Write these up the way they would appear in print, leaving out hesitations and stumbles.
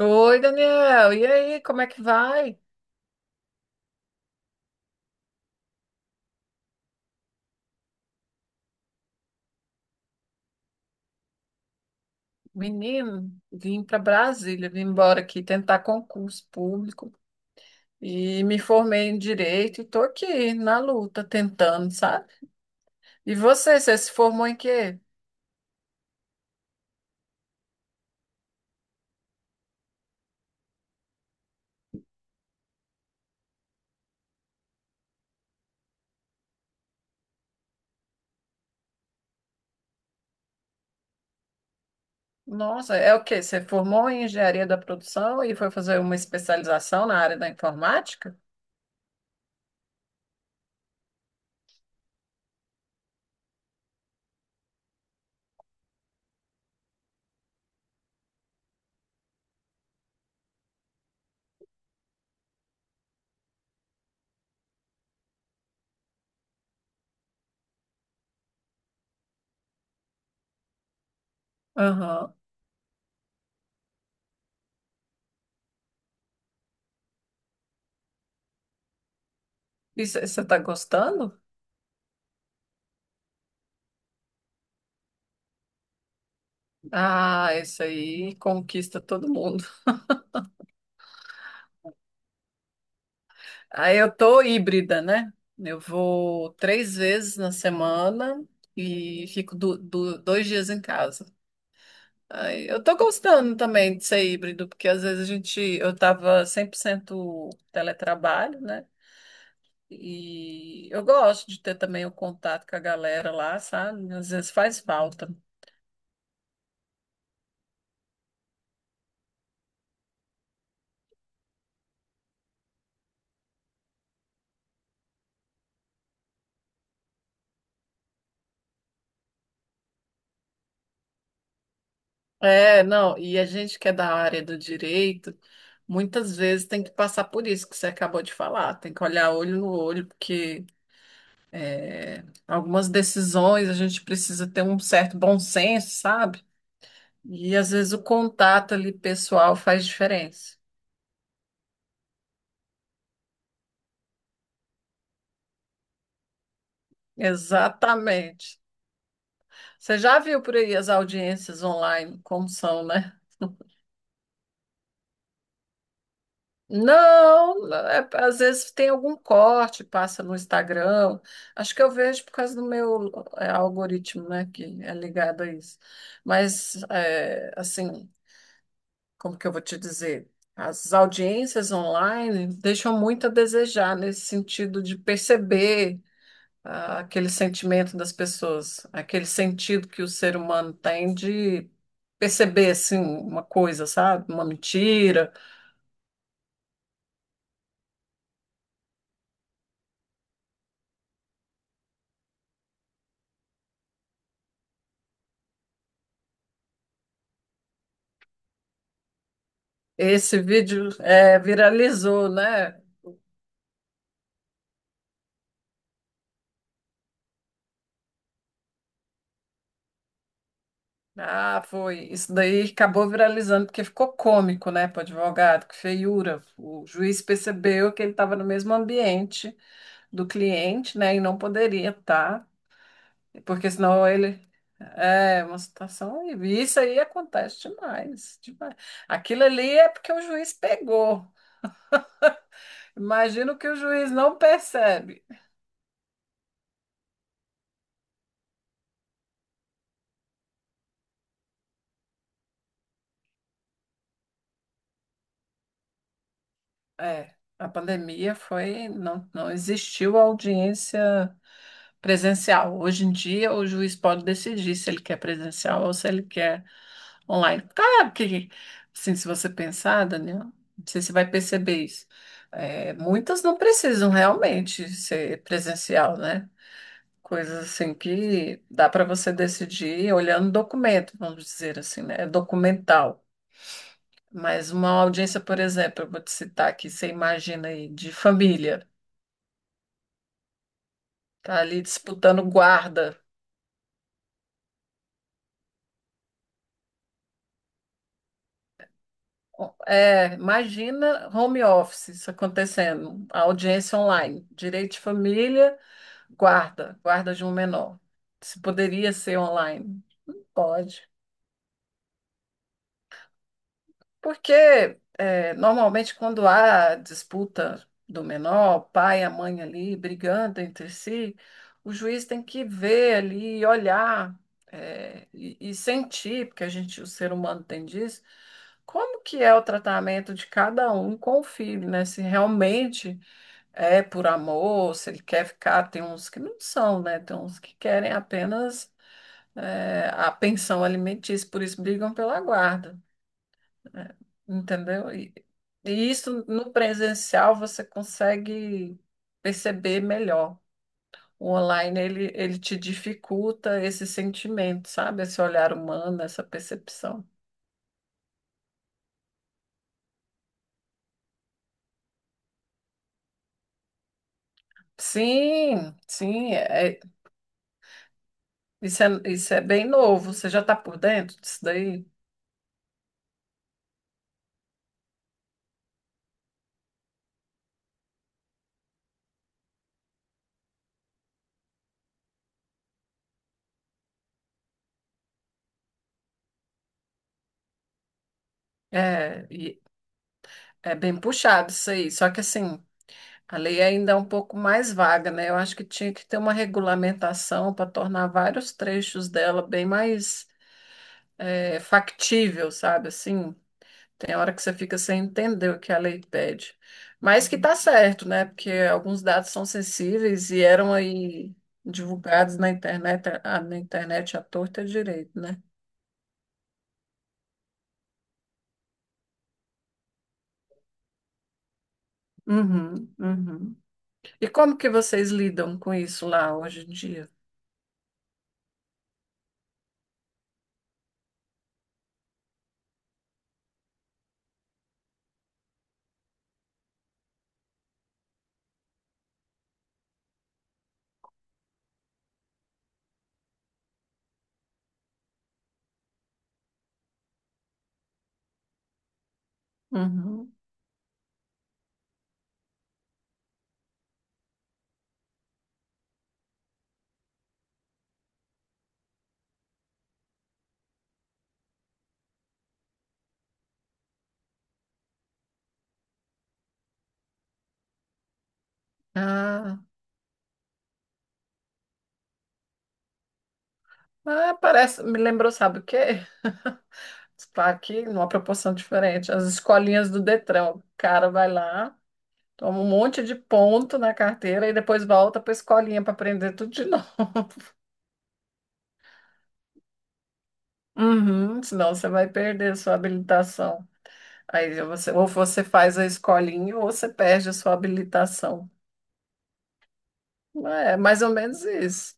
Oi, Daniel. E aí, como é que vai? Menino, vim para Brasília, vim embora aqui tentar concurso público e me formei em direito e tô aqui na luta tentando, sabe? E você se formou em quê? Nossa, é o quê? Você formou em engenharia da produção e foi fazer uma especialização na área da informática? Aham. E você está gostando? Ah, isso aí conquista todo mundo. Aí eu tô híbrida, né? Eu vou três vezes na semana e fico dois dias em casa. Aí eu tô gostando também de ser híbrido, porque às vezes a gente, eu tava 100% teletrabalho, né? E eu gosto de ter também o contato com a galera lá, sabe? Às vezes faz falta. É, não, e a gente que é da área do direito, muitas vezes tem que passar por isso que você acabou de falar, tem que olhar olho no olho, porque é, algumas decisões a gente precisa ter um certo bom senso, sabe? E às vezes o contato ali pessoal faz diferença. Exatamente. Você já viu por aí as audiências online, como são, né? Não, às vezes tem algum corte, passa no Instagram. Acho que eu vejo por causa do meu algoritmo, né, que é ligado a isso. Mas, é, assim, como que eu vou te dizer? As audiências online deixam muito a desejar nesse sentido de perceber ah, aquele sentimento das pessoas, aquele sentido que o ser humano tem de perceber assim uma coisa, sabe? Uma mentira. Esse vídeo é, viralizou, né? Ah, foi. Isso daí acabou viralizando porque ficou cômico, né, para o advogado, que feiura. O juiz percebeu que ele estava no mesmo ambiente do cliente, né? E não poderia estar, porque senão ele. É uma situação horrível. E isso aí acontece demais, demais. Aquilo ali é porque o juiz pegou. Imagino que o juiz não percebe. É, a pandemia foi, não existiu audiência presencial. Hoje em dia, o juiz pode decidir se ele quer presencial ou se ele quer online. Claro que, assim, se você pensar, Daniel, não sei se você vai perceber isso. É, muitas não precisam realmente ser presencial, né? Coisas assim que dá para você decidir olhando o documento, vamos dizer assim, né? É documental. Mas uma audiência, por exemplo, eu vou te citar aqui, você imagina aí, de família, tá ali disputando guarda. É, imagina home office isso acontecendo, a audiência online, direito de família. Guarda, guarda de um menor. Se poderia ser online, pode. Porque é, normalmente quando há disputa do menor, o pai e a mãe ali brigando entre si, o juiz tem que ver ali, olhar é, e sentir, porque a gente, o ser humano tem disso, como que é o tratamento de cada um com o filho, né? Se realmente é por amor, se ele quer ficar, tem uns que não são, né? Tem uns que querem apenas é, a pensão alimentícia, por isso brigam pela guarda, né? Entendeu? E isso no presencial você consegue perceber melhor. O online ele, ele te dificulta esse sentimento, sabe? Esse olhar humano, essa percepção. Sim, sim, isso é bem novo. Você já está por dentro disso daí? É, e é bem puxado isso aí. Só que assim. A lei ainda é um pouco mais vaga, né? Eu acho que tinha que ter uma regulamentação para tornar vários trechos dela bem mais factível, sabe? Assim, tem hora que você fica sem entender o que a lei pede. Mas que tá certo, né? Porque alguns dados são sensíveis e eram aí divulgados na internet, ah, na internet à torta e à direito, né? Uhum, uhum. E como que vocês lidam com isso lá hoje em dia? Uhum. Ah, ah, parece, me lembrou, sabe o quê? Claro que numa proporção diferente. As escolinhas do Detran, o cara vai lá, toma um monte de ponto na carteira e depois volta para a escolinha para aprender tudo de novo. Uhum, senão você vai perder a sua habilitação. Aí você, ou você faz a escolinha ou você perde a sua habilitação. É mais ou menos isso.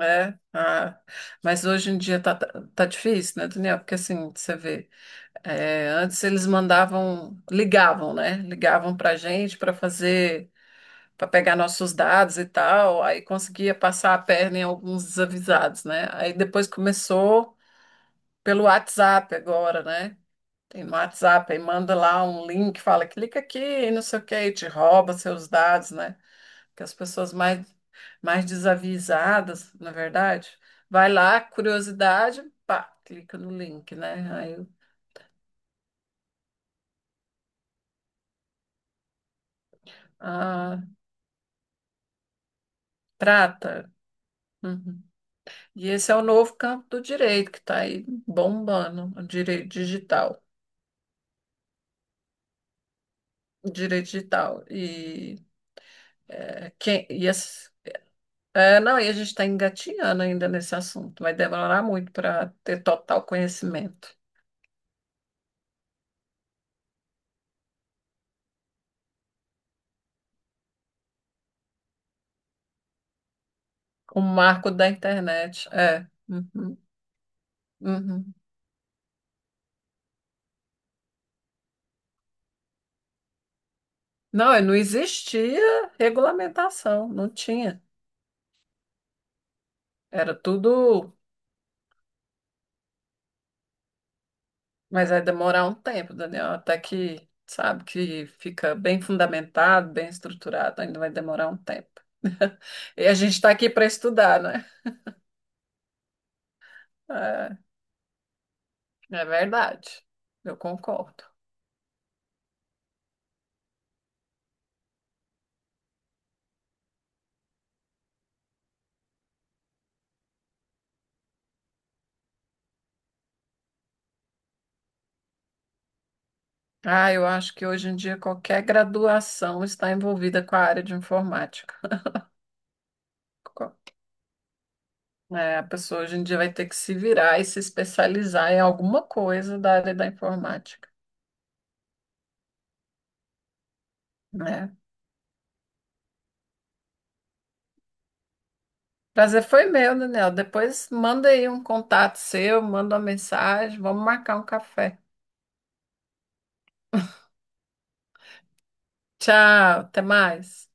É, ah, mas hoje em dia tá, tá tá difícil, né, Daniel? Porque assim, você vê, é, antes eles mandavam, ligavam, né? Ligavam pra gente para fazer para pegar nossos dados e tal, aí conseguia passar a perna em alguns desavisados, né? Aí depois começou pelo WhatsApp agora, né? Tem no WhatsApp, aí manda lá um link, fala, clica aqui, e não sei o quê, e te rouba seus dados, né? Que as pessoas mais, mais desavisadas, na verdade, vai lá, curiosidade, pá, clica no link, né? Aí, ah, trata. Uhum. E esse é o novo campo do direito que está aí bombando, o direito digital. Direito digital. E, é, quem, e é, não, e a gente está engatinhando ainda nesse assunto. Vai demorar muito para ter total conhecimento. O marco da internet. É. Uhum, uhum. Não, e não existia regulamentação, não tinha. Era tudo. Mas vai demorar um tempo, Daniel, até que, sabe, que fica bem fundamentado, bem estruturado, ainda vai demorar um tempo. E a gente está aqui para estudar, né? É. É verdade, eu concordo. Ah, eu acho que hoje em dia qualquer graduação está envolvida com a área de informática. Co- É, a pessoa hoje em dia vai ter que se virar e se especializar em alguma coisa da área da informática, né? Prazer foi meu, Daniel. Depois manda aí um contato seu, manda uma mensagem, vamos marcar um café. Tchau, até mais.